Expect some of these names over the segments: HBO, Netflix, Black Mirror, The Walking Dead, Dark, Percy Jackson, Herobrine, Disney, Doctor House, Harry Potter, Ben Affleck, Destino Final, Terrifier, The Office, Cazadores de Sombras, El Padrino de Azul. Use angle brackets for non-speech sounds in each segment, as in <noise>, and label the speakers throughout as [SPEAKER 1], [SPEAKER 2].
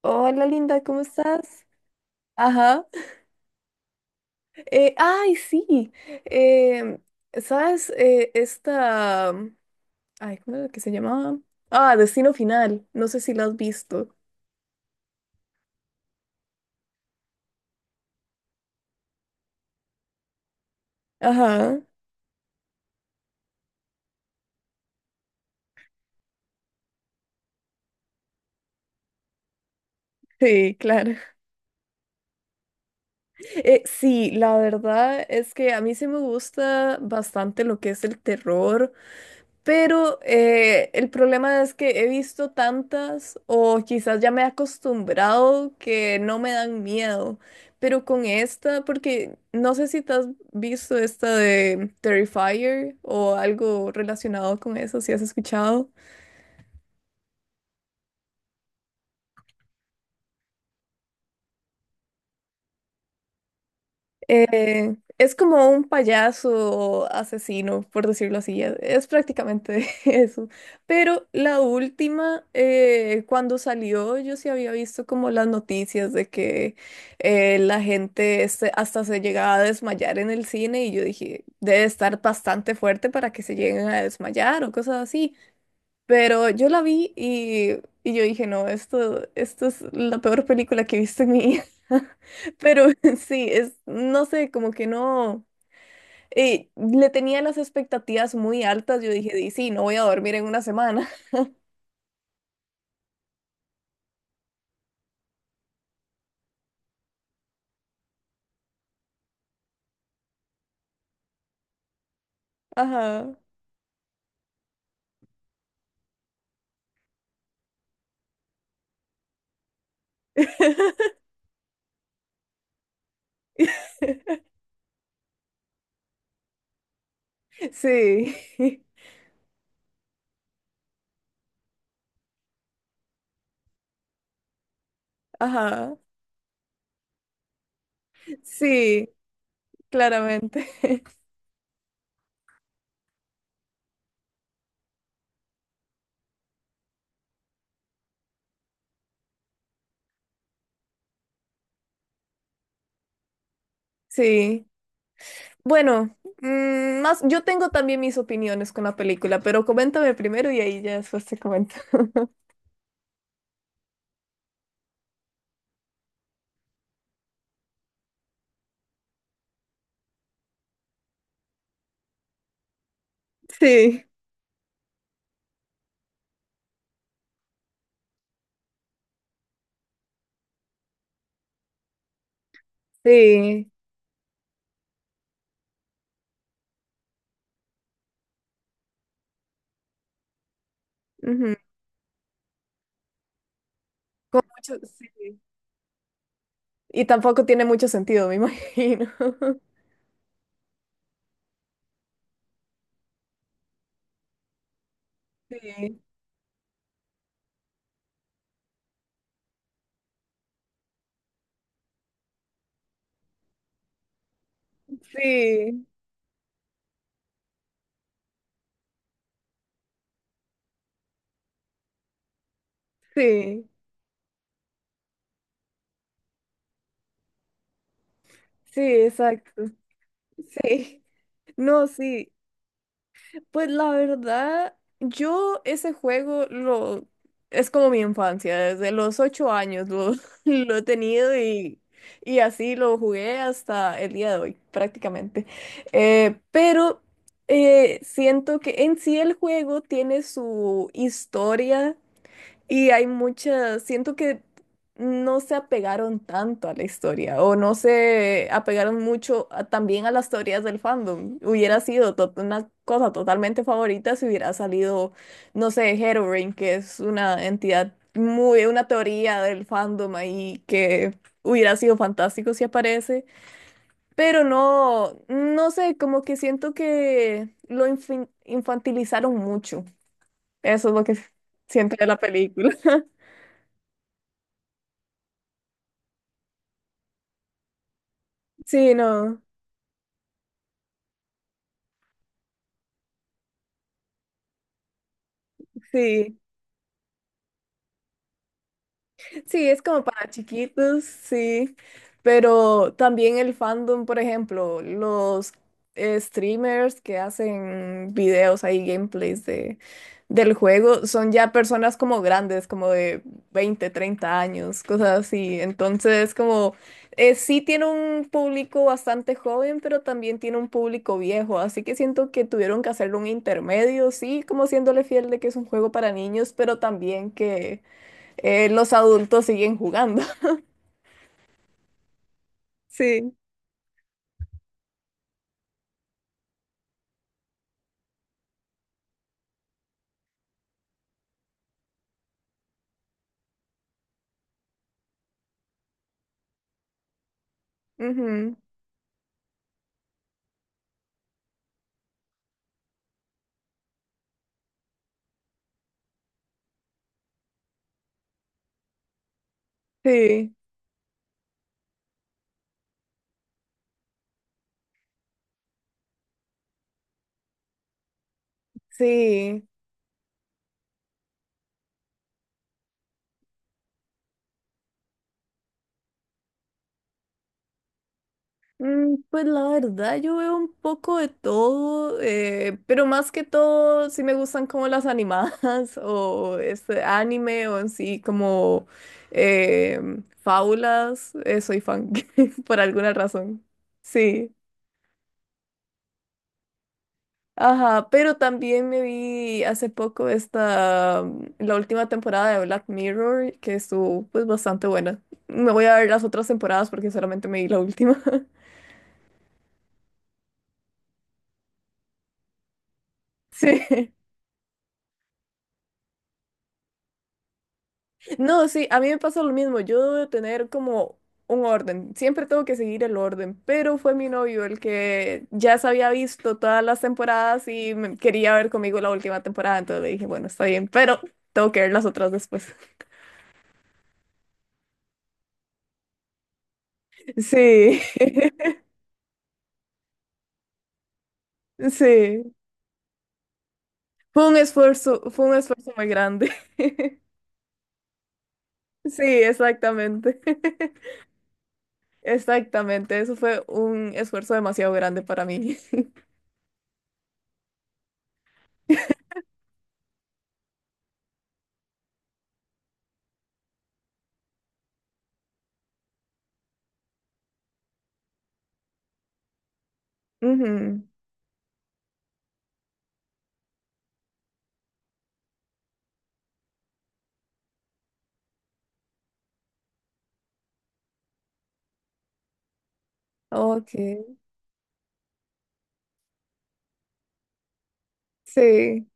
[SPEAKER 1] Hola linda, ¿cómo estás? Ajá. Ay, sí. Em, ¿Sabes? Esta. Ay, ¿cómo era que se llamaba? Ah, Destino Final. No sé si la has visto. Ajá. Sí, claro. Sí, la verdad es que a mí sí me gusta bastante lo que es el terror. Pero el problema es que he visto tantas o quizás ya me he acostumbrado que no me dan miedo. Pero con esta, porque no sé si te has visto esta de Terrifier o algo relacionado con eso, si has escuchado. Es como un payaso asesino, por decirlo así. Es, prácticamente <laughs> eso. Pero la última, cuando salió, yo sí había visto como las noticias de que la gente hasta se llegaba a desmayar en el cine y yo dije, debe estar bastante fuerte para que se lleguen a desmayar o cosas así. Pero yo la vi y yo dije, no, esto es la peor película que he visto en mi vida. <laughs> Pero <laughs> sí, es, no sé, como que no, le tenía las expectativas muy altas. Yo dije, "Di, sí, no voy a dormir en una semana. <laughs> Ajá. <laughs> Sí, <laughs> ajá. Sí, claramente. <laughs> Sí. Bueno, más, yo tengo también mis opiniones con la película, pero coméntame primero y ahí ya después te comento. <laughs> Sí. Sí, ujú, con mucho, sí. Y tampoco tiene mucho sentido, me imagino. <laughs> Sí, sí, sí, sí, exacto. Sí, no, sí. Pues la verdad, yo ese juego lo es como mi infancia, desde los 8 años lo, <laughs> lo he tenido y así lo jugué hasta el día de hoy, prácticamente. Pero siento que en sí el juego tiene su historia. Y hay muchas, siento que no se apegaron tanto a la historia o no se apegaron mucho también a las teorías del fandom. Hubiera sido una cosa totalmente favorita si hubiera salido, no sé, Herobrine, que es una entidad muy, una teoría del fandom ahí que hubiera sido fantástico si aparece. Pero no, no sé, como que siento que lo infantilizaron mucho. Eso es lo que siento de la película. <laughs> Sí, no, sí. Sí, es como para chiquitos, sí. Pero también el fandom, por ejemplo, los streamers que hacen videos ahí, gameplays del juego, son ya personas como grandes, como de 20, 30 años, cosas así. Entonces, como sí tiene un público bastante joven, pero también tiene un público viejo. Así que siento que tuvieron que hacerle un intermedio, sí, como siéndole fiel de que es un juego para niños, pero también que los adultos siguen jugando. <laughs> Sí. Ujú, sí, sí. Pues la verdad, yo veo un poco de todo, pero más que todo, sí me gustan como las animadas <laughs> o este anime o en sí como eh, fábulas. Soy fan <laughs> por alguna razón. Sí. Ajá, pero también me vi hace poco esta, la última temporada de Black Mirror, que estuvo pues bastante buena. Me voy a ver las otras temporadas porque solamente me vi la última. <laughs> Sí. No, sí, a mí me pasa lo mismo. Yo debo tener como un orden. Siempre tengo que seguir el orden, pero fue mi novio el que ya se había visto todas las temporadas y quería ver conmigo la última temporada, entonces le dije, bueno, está bien, pero tengo que ver las otras después. <laughs> Sí, <laughs> sí. Fue un esfuerzo muy grande. <laughs> Sí, exactamente. <laughs> Exactamente, eso fue un esfuerzo demasiado grande para mí. <laughs> Ujú, ok, sí.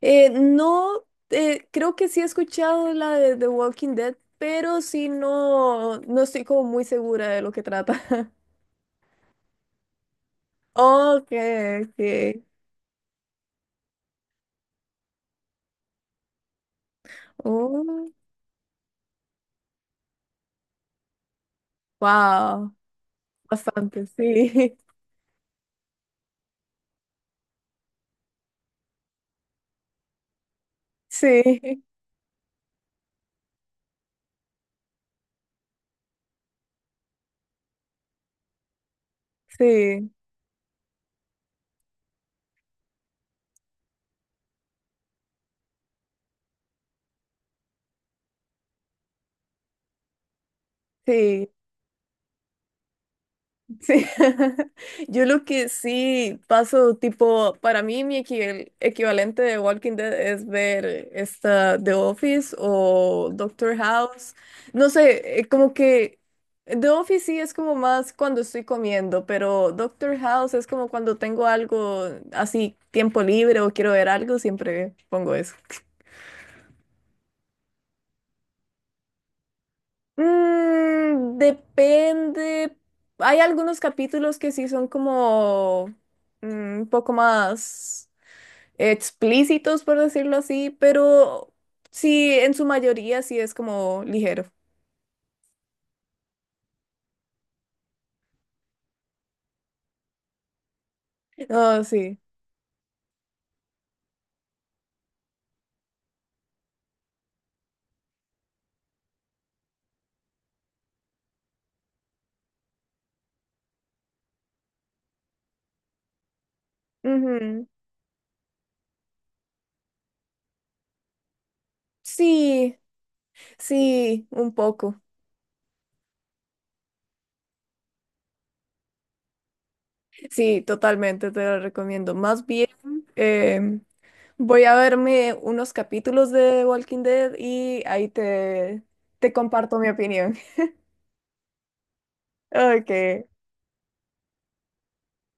[SPEAKER 1] No, creo que sí he escuchado la de The Walking Dead, pero sí no, no estoy como muy segura de lo que trata. <laughs> Ok, ok. Oh, wow, bastante, sí. <laughs> Sí, sí, sí. Sí, <laughs> yo lo que sí paso, tipo, para mí mi equivalente de Walking Dead es ver esta The Office o Doctor House. No sé, como que The Office sí es como más cuando estoy comiendo, pero Doctor House es como cuando tengo algo así, tiempo libre o quiero ver algo, siempre pongo eso. Depende. Hay algunos capítulos que sí son como mm, un poco más explícitos, por decirlo así, pero sí, en su mayoría sí es como ligero. Ah, sí. Ujú. Sí, sí, un poco. Sí, totalmente te lo recomiendo. Más bien, em, voy a verme unos capítulos de Walking Dead y ahí te comparto mi opinión. <laughs> Ok.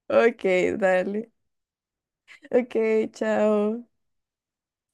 [SPEAKER 1] Ok, dale. Ok, chao.